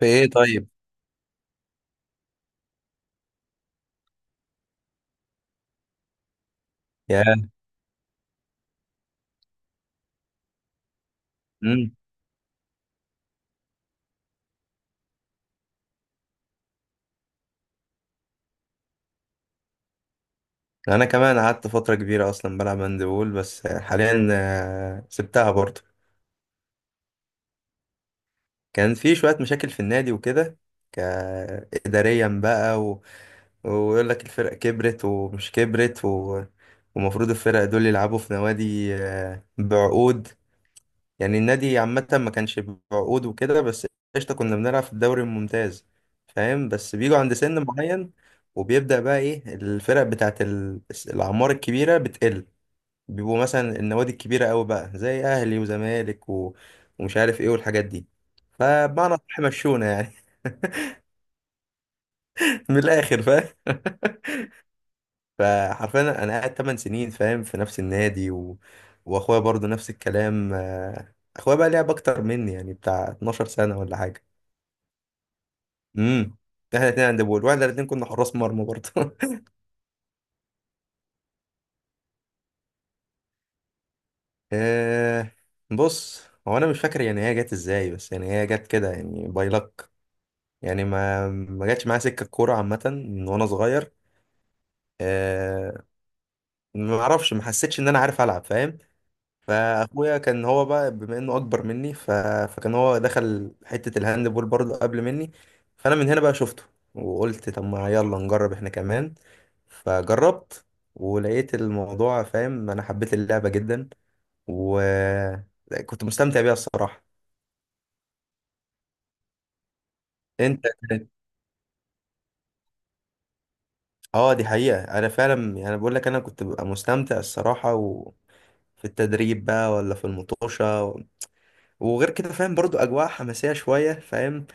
في ايه طيب؟ يا. مم. انا كمان قعدت فتره كبيره اصلا بلعب هاندبول، بس حاليا سبتها برضه. كان في شويه مشاكل في النادي وكده. ك- اداريا بقى، و... ويقول لك الفرق كبرت ومش كبرت، و... ومفروض الفرق دول يلعبوا في نوادي بعقود. يعني النادي عامه ما كانش بعقود وكده، بس قشطه كنا بنلعب في الدوري الممتاز. فاهم؟ بس بيجوا عند سن معين، وبيبدأ بقى ايه، الفرق بتاعت الأعمار الكبيرة بتقل. بيبقوا مثلا النوادي الكبيرة أوي بقى زي أهلي وزمالك، و... ومش عارف إيه والحاجات دي. فبمعنى أصح مشونا يعني. من الآخر فاهم. فحرفيا أنا قاعد 8 سنين فاهم، في نفس النادي. و... وأخويا برضو نفس الكلام، أخويا بقى لعب أكتر مني، يعني بتاع 12 سنة ولا حاجة. امم. إحنا الاتنين عند بول، واحنا الاتنين كنا حراس مرمى برضو. آه، بص، هو أنا مش فاكر يعني هي جت إزاي، بس يعني هي جت كده، يعني باي luck. يعني ما ما جاتش معايا سكه الكوره عامه من وانا صغير. آه. ما اعرفش، ما حسيتش ان انا عارف العب، فاهم؟ فاخويا كان هو بقى بما انه اكبر مني، ف... فكان هو دخل حته الهاند بول برضه قبل مني. فانا من هنا بقى شفته، وقلت طب ما يلا نجرب احنا كمان. فجربت ولقيت الموضوع فاهم، انا حبيت اللعبه جدا، وكنت مستمتع بيها الصراحه. انت. اه، دي حقيقة، انا فعلا يعني انا بقول لك انا كنت ببقى مستمتع الصراحة، و... في التدريب بقى ولا في المطوشة. و... وغير كده فاهم برضو أجواء حماسية شوية فاهم.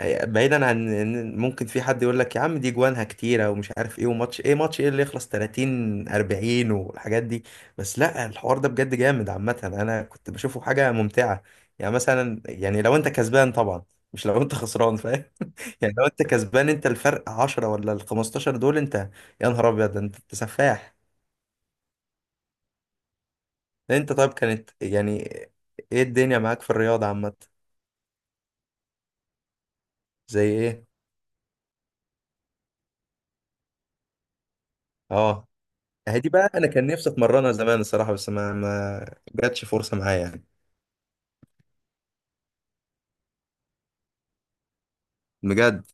بعيدا عن إن ممكن في حد يقول لك يا عم دي جوانها كتيرة ومش عارف إيه، وماتش إيه ماتش إيه اللي يخلص 30 40 والحاجات دي. بس لا، الحوار ده بجد جامد عامة، أنا كنت بشوفه حاجة ممتعة. يعني مثلا يعني لو أنت كسبان طبعا، مش لو أنت خسران فاهم. يعني لو انت كسبان، انت الفرق 10 ولا ال 15 دول، انت يا نهار ابيض، ده انت انت سفاح. انت طيب، كانت يعني ايه الدنيا معاك في الرياضة عامة؟ زي ايه؟ اه. اهي دي بقى انا كان نفسي اتمرنها زمان الصراحة، بس ما ما جاتش فرصة معايا يعني. بجد؟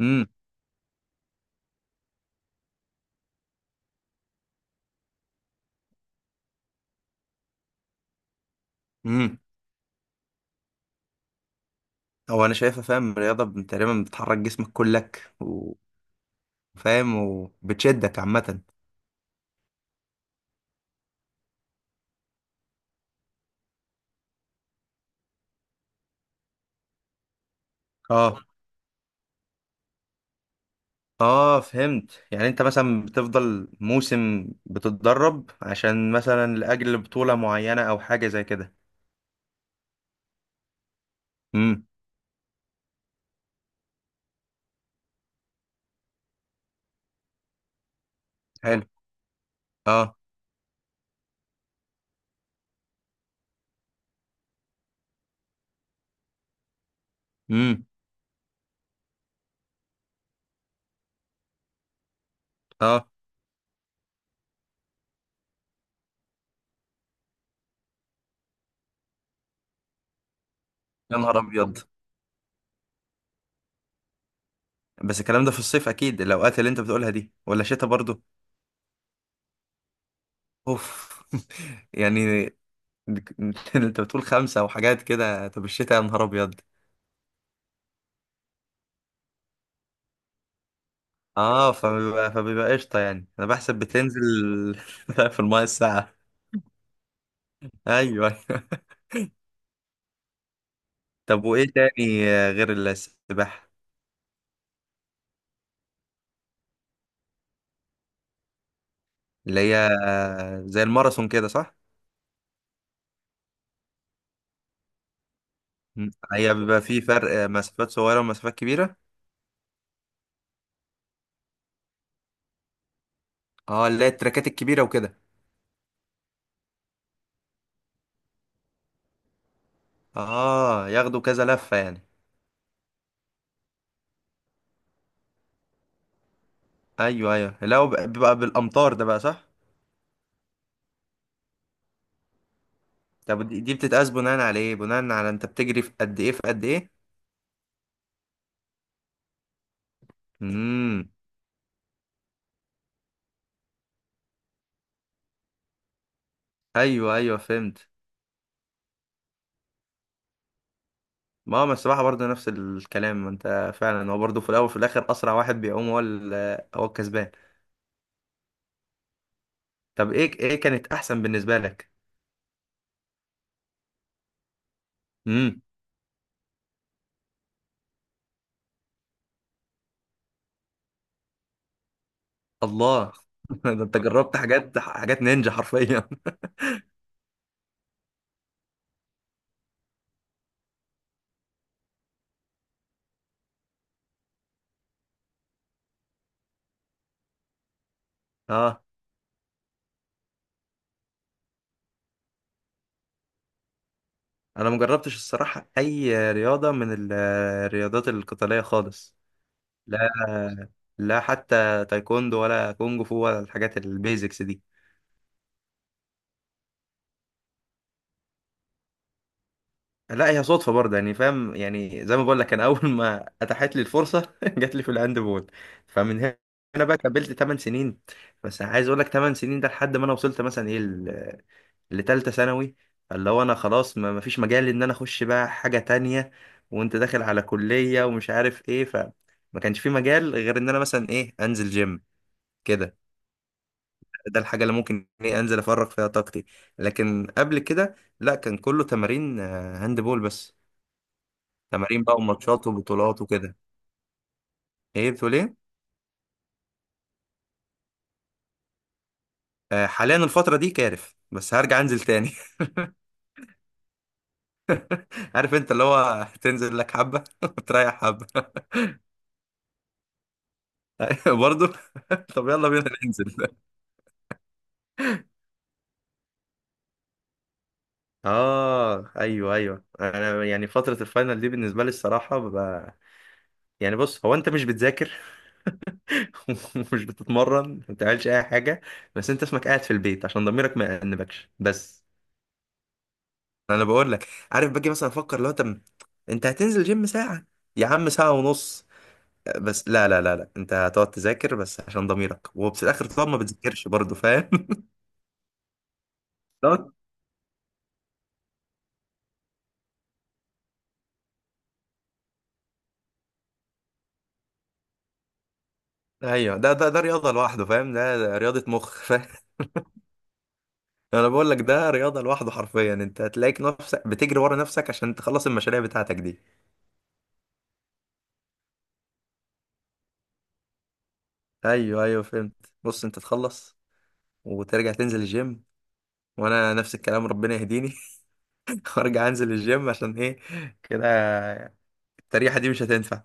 امم. امم. هو انا شايفها فاهم، الرياضة تقريبا بتحرك جسمك كلك، وفاهم وبتشدك عامة. اه. اه فهمت، يعني انت مثلا بتفضل موسم بتتدرب عشان مثلا لاجل بطولة معينة او حاجة زي كده. امم. حلو. اه. امم. اه. يا نهار ابيض، بس الكلام ده في الصيف اكيد الاوقات اللي انت بتقولها دي، ولا شتاء برضو؟ اوف. يعني. انت بتقول خمسة وحاجات كده، طب الشتاء يا نهار ابيض. اه، فبيبقى فبيبقى قشطة يعني. انا بحسب بتنزل في المايه الساعة. ايوه. طب وايه تاني غير السباحة؟ اللي هي زي الماراثون كده، صح؟ مم. هي بيبقى في فرق، مسافات صغيرة ومسافات كبيرة. اه اللي هي التراكات الكبيرة وكده. اه، ياخدوا كذا لفة يعني. ايوه ايوه، لا هو بيبقى بالامتار ده بقى، صح؟ طب دي بتتقاس بناء على ايه؟ بناء على انت بتجري في قد ايه في قد ايه؟ امم. ايوه ايوه فهمت. ما هو السباحة برضه نفس الكلام، ما انت فعلا هو برضه في الاول وفي الاخر اسرع واحد بيعوم هو هو الكسبان. طب ايه ايه كانت احسن بالنسبة لك؟ الله. ده انت جربت حاجات حاجات نينجا حرفيا. اه، انا مجربتش الصراحه اي رياضه من الرياضات القتاليه خالص. لا. لا حتى تايكوندو ولا كونج فو ولا الحاجات البيزكس دي. لا هي صدفه برضه يعني فاهم، يعني زي ما بقول لك انا اول ما اتاحت لي الفرصه جات لي في الهاند بول. فمن هنا بقى كملت 8 سنين. بس عايز اقول لك 8 سنين ده لحد ما انا وصلت مثلا ايه، لتالتة ثانوي. فاللي هو انا خلاص ما مفيش مجال ان انا اخش بقى حاجة تانية، وانت داخل على كلية ومش عارف ايه، فما كانش في مجال غير ان انا مثلا ايه انزل جيم كده. ده الحاجة اللي ممكن ايه انزل افرغ فيها طاقتي. لكن قبل كده لا، كان كله تمارين هاند بول بس. تمارين بقى وماتشات وبطولات وكده. ايه بتقول ايه؟ حاليا الفترة دي كارف، بس هرجع انزل تاني. عارف انت اللي هو تنزل لك حبة وتريح حبة. برضه. طب يلا بينا ننزل. اه ايوه ايوه، انا يعني فتره الفاينل دي بالنسبه لي الصراحه ببقى يعني، بص هو انت مش بتذاكر ومش بتتمرن، ما بتعملش اي حاجه، بس انت اسمك قاعد في البيت عشان ضميرك ما يأنبكش بس. انا بقول لك عارف، باجي مثلا افكر لو انت، انت هتنزل جيم ساعه، يا عم ساعه ونص، بس لا لا لا لا، انت هتقعد تذاكر بس عشان ضميرك، وفي الاخر طبعا ما بتذاكرش برضه، فاهم؟ ده- ايوه، ده رياضه لوحده فاهم، ده رياضه مخ. انا بقول لك ده رياضه لوحده حرفيا، انت هتلاقيك نفسك بتجري ورا نفسك عشان تخلص المشاريع بتاعتك دي. ايوه ايوه فهمت، بص انت تخلص وترجع تنزل الجيم. وانا نفس الكلام، ربنا يهديني. وارجع انزل الجيم عشان ايه كده. التريحه دي مش هتنفع.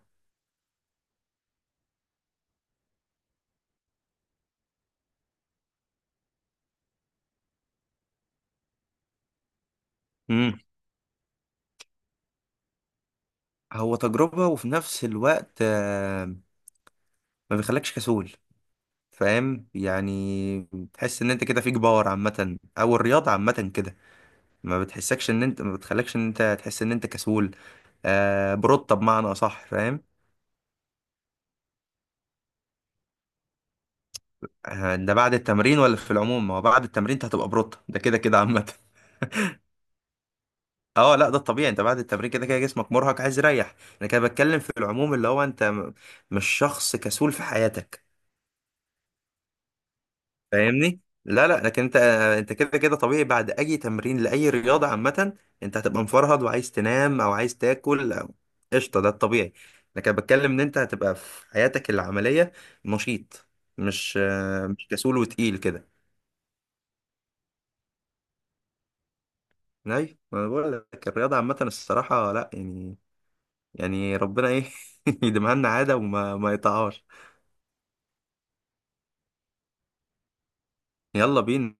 امم. هو تجربه، وفي نفس الوقت ما بيخلكش كسول، فاهم؟ يعني تحس ان انت كده فيك باور عامه، او الرياضه عامه كده ما بتحسكش ان انت، ما بتخلكش ان انت تحس ان انت كسول. آه، بروتة بمعنى اصح فاهم. آه، ده بعد التمرين ولا في العموم؟ ما هو بعد التمرين انت هتبقى بروتة ده كده كده عامة. اه لا، ده الطبيعي، انت بعد التمرين كده كده جسمك مرهق عايز يريح. انا كده بتكلم في العموم، اللي هو انت مش شخص كسول في حياتك. فاهمني؟ لا لا، لكن انت انت كده كده طبيعي بعد اي تمرين لاي رياضه عامه، انت هتبقى مفرهد وعايز تنام او عايز تاكل، او قشطه ده الطبيعي. لكن أنا بتكلم ان انت هتبقى في حياتك العمليه نشيط، مش مش كسول وتقيل كده. اي ما أنا بقول لك الرياضه عامه الصراحه لا يعني، يعني ربنا ايه يديمها لنا عاده وما ما يقطعهاش. يلا بينا.